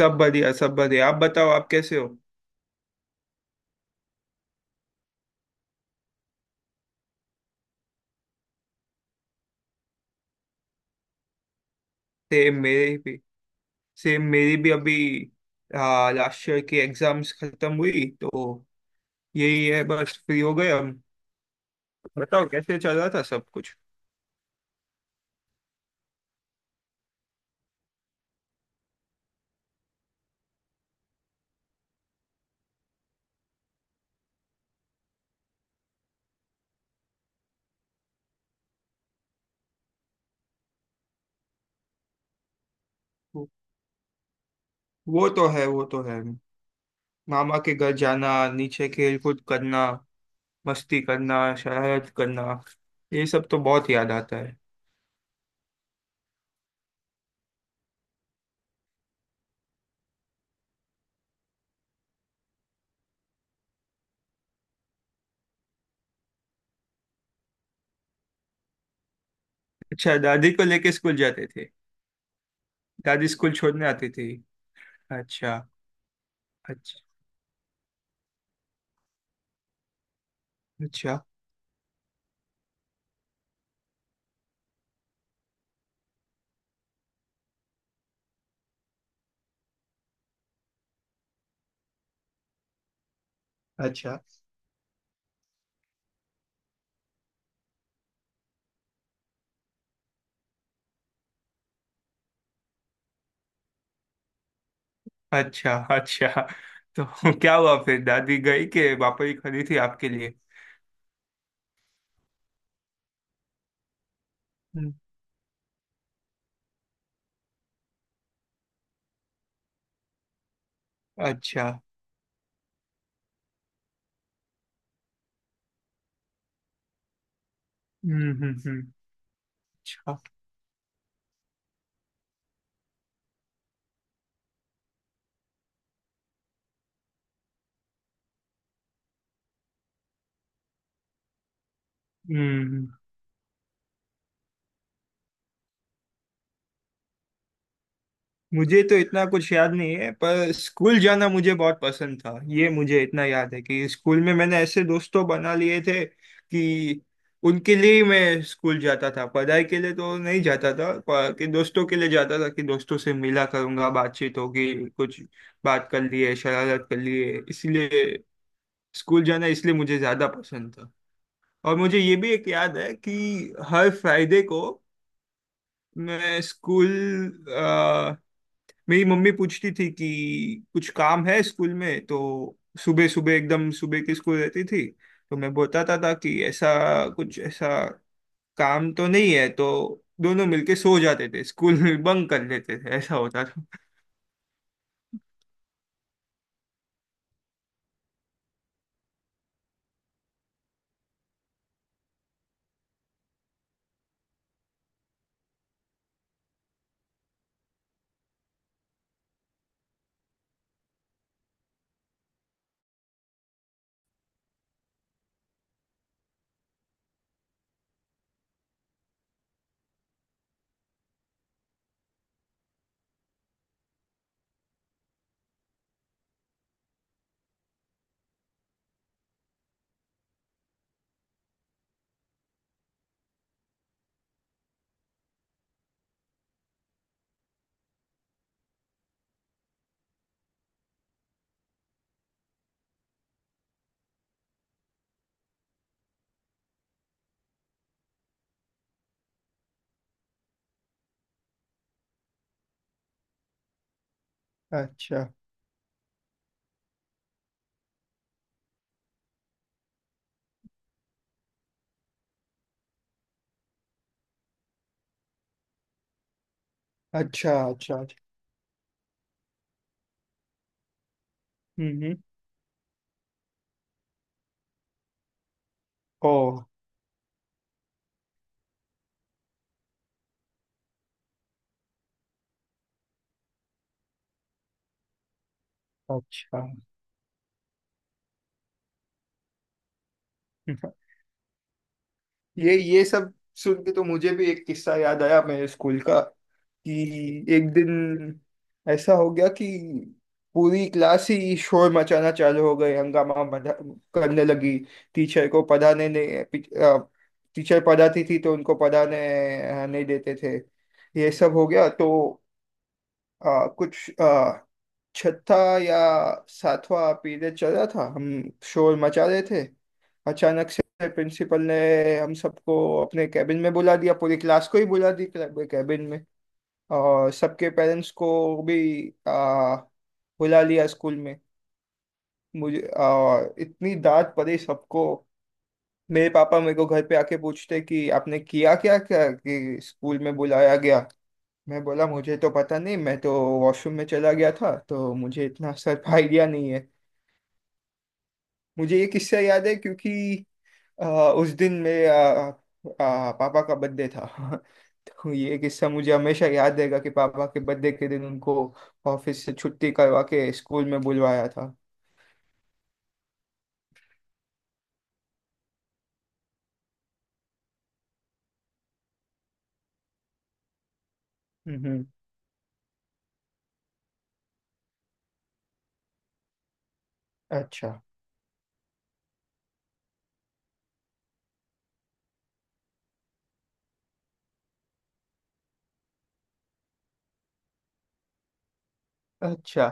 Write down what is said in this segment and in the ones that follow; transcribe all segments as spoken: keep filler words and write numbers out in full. सब बढ़िया सब बढ़िया। आप बताओ, आप कैसे हो? सेम मेरे भी सेम मेरी भी अभी। हाँ, लास्ट ईयर की एग्जाम्स खत्म हुई, तो यही है, बस फ्री हो गए हम। बताओ, कैसे चल रहा था सब कुछ? वो वो तो है, वो तो है। मामा के घर जाना, नीचे खेल कूद करना, मस्ती करना, शरारत करना, ये सब तो बहुत याद आता है। अच्छा, दादी को लेके स्कूल जाते थे? दादी स्कूल छोड़ने आती थी? अच्छा, अच्छा। अच्छा, अच्छा, अच्छा, अच्छा। तो क्या हुआ फिर, दादी गई कि पापा ही खरीदी थी आपके लिए? हम्म। अच्छा। हम्म, हम्म, हम्म। अच्छा। हम्म। मुझे तो इतना कुछ याद नहीं है, पर स्कूल जाना मुझे बहुत पसंद था। ये मुझे इतना याद है कि स्कूल में मैंने ऐसे दोस्तों बना लिए थे कि उनके लिए ही मैं स्कूल जाता था। पढ़ाई के लिए तो नहीं जाता था, पर कि दोस्तों के लिए जाता था कि दोस्तों से मिला करूंगा, बातचीत होगी, कुछ बात कर लिए, शरारत कर लिए, इसलिए स्कूल जाना इसलिए मुझे ज्यादा पसंद था। और मुझे ये भी एक याद है कि हर फ्राइडे को मैं स्कूल अ, मेरी मम्मी पूछती थी कि कुछ काम है स्कूल में, तो सुबह सुबह, एकदम सुबह की स्कूल रहती थी, तो मैं बताता था कि ऐसा कुछ ऐसा काम तो नहीं है, तो दोनों मिलके सो जाते थे, स्कूल में बंक कर लेते थे, ऐसा होता था। अच्छा, अच्छा, अच्छा, अच्छा। हम्म, हम्म। ओ। अच्छा। ये ये सब सुन के तो मुझे भी एक किस्सा याद आया मेरे स्कूल का कि एक दिन ऐसा हो गया कि पूरी क्लास ही शोर मचाना चालू हो गई, हंगामा मचा- करने लगी। टीचर को पढ़ाने नहीं, पिच- अ, टीचर पढ़ाती थी तो उनको पढ़ाने अ, नहीं देते थे। ये सब हो गया, तो अ, कुछ छठा या सातवां पीरियड चल रहा था, हम शोर मचा रहे थे। अचानक से प्रिंसिपल ने हम सबको अपने कैबिन में बुला दिया, पूरी क्लास को ही बुला दी कैबिन में। और सबके पेरेंट्स को भी आ, बुला लिया स्कूल में। मुझे और इतनी डांट पड़ी सबको। मेरे पापा मेरे को घर पे आके पूछते कि आपने किया क्या, क्या कि स्कूल में बुलाया गया। मैं बोला मुझे तो पता नहीं, मैं तो वॉशरूम में चला गया था, तो मुझे इतना सब आइडिया नहीं है। मुझे ये किस्सा याद है क्योंकि अ, उस दिन मेरे अ, अ, पापा का बर्थडे था। तो ये किस्सा मुझे हमेशा याद रहेगा कि पापा के बर्थडे के दिन उनको ऑफिस से छुट्टी करवा के स्कूल में बुलवाया था। हम्म, हम्म। अच्छा, अच्छा।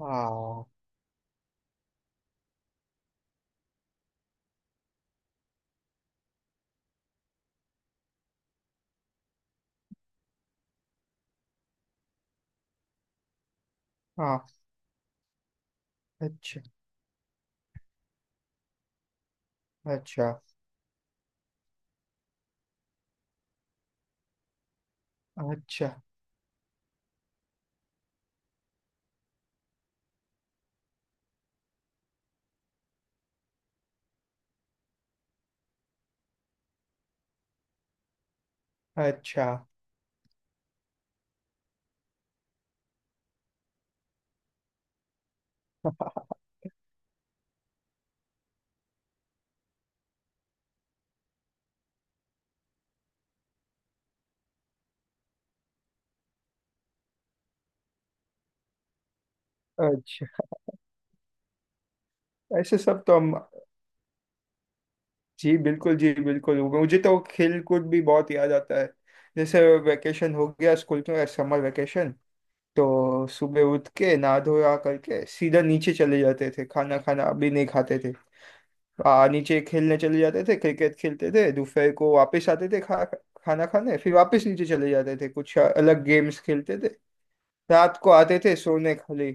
हाँ, हाँ। अच्छा, अच्छा, अच्छा, अच्छा, अच्छा। ऐसे सब तो हम जी बिल्कुल, जी बिल्कुल, मुझे तो खेल कूद भी बहुत याद आता है। जैसे वेकेशन हो गया स्कूल का, समर वेकेशन, तो सुबह उठ के नहा धोया करके सीधा नीचे चले जाते थे, खाना खाना भी नहीं खाते थे, आ, नीचे खेलने चले जाते थे, क्रिकेट खेलते थे, दोपहर को वापस आते थे खा खाना खाने, फिर वापस नीचे चले जाते थे, कुछ अलग गेम्स खेलते थे। रात को आते थे सोने खाली,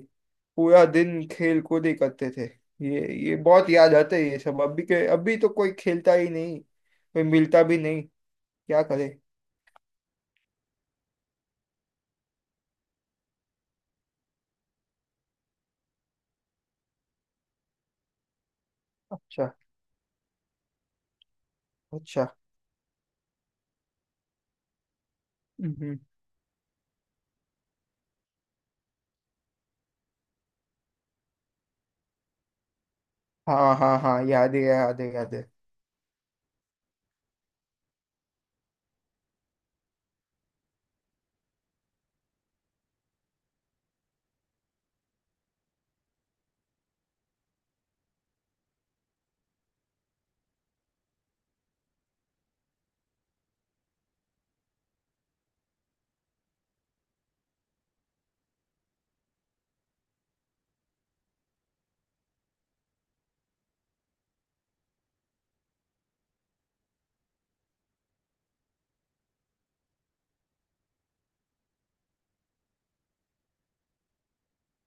पूरा दिन खेल कूद ही करते थे। ये ये बहुत याद आते हैं ये सब। अभी के अभी तो कोई खेलता ही नहीं, कोई मिलता भी नहीं, क्या करे। अच्छा, अच्छा। हम्म। हाँ, हाँ, हाँ, याद है, याद है, याद है।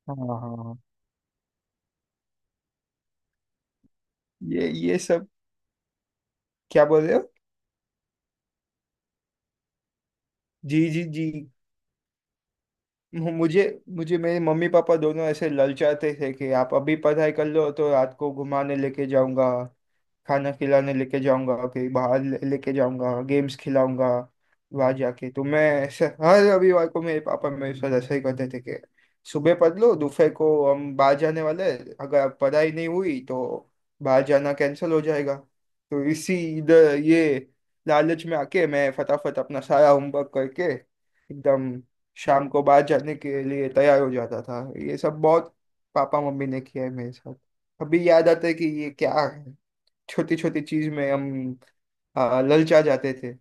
हाँ, हाँ। ये ये सब क्या बोल रहे हो? जी, जी, जी। मु- मुझे मुझे मेरे मम्मी पापा दोनों ऐसे ललचाते थे कि आप अभी पढ़ाई कर लो तो रात को घुमाने लेके जाऊंगा, खाना खिलाने लेके जाऊंगा, कहीं बाहर ले- लेके जाऊंगा, गेम्स खिलाऊंगा। वहां जाके तो मैं ऐसे हर रविवार को मेरे पापा मेरे साथ ऐसा ही करते थे कि सुबह पढ़ लो, दोपहर को हम बाहर जाने वाले हैं, अगर पढ़ाई नहीं हुई तो बाहर जाना कैंसिल हो जाएगा। तो इसी इधर ये लालच में आके मैं फटाफट अपना सारा होमवर्क करके, एकदम शाम को बाहर जाने के लिए तैयार हो जाता था। ये सब बहुत पापा मम्मी ने किया है मेरे साथ। अभी याद आता है कि ये क्या है, छोटी छोटी चीज में हम आ, ललचा जाते थे।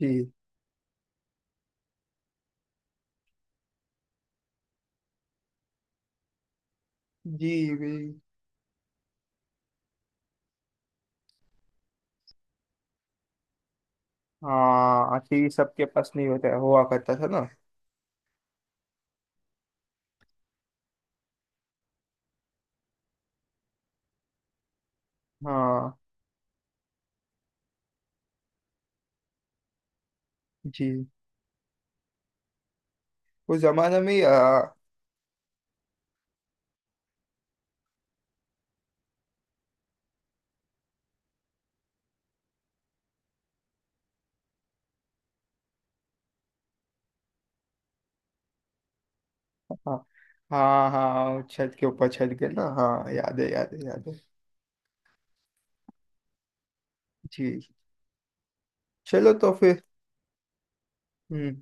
जी, जी, जी। हाँ, आखिर सबके पास नहीं होता है, हुआ करता था ना। हाँ। जी। उस जमाने में आ, हाँ, हाँ, हाँ, छत के ऊपर, छत के ना, हाँ याद है, याद है, याद है। जी। चलो तो फिर। हम्म।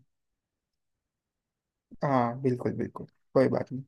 हाँ, बिल्कुल, बिल्कुल, कोई बात नहीं।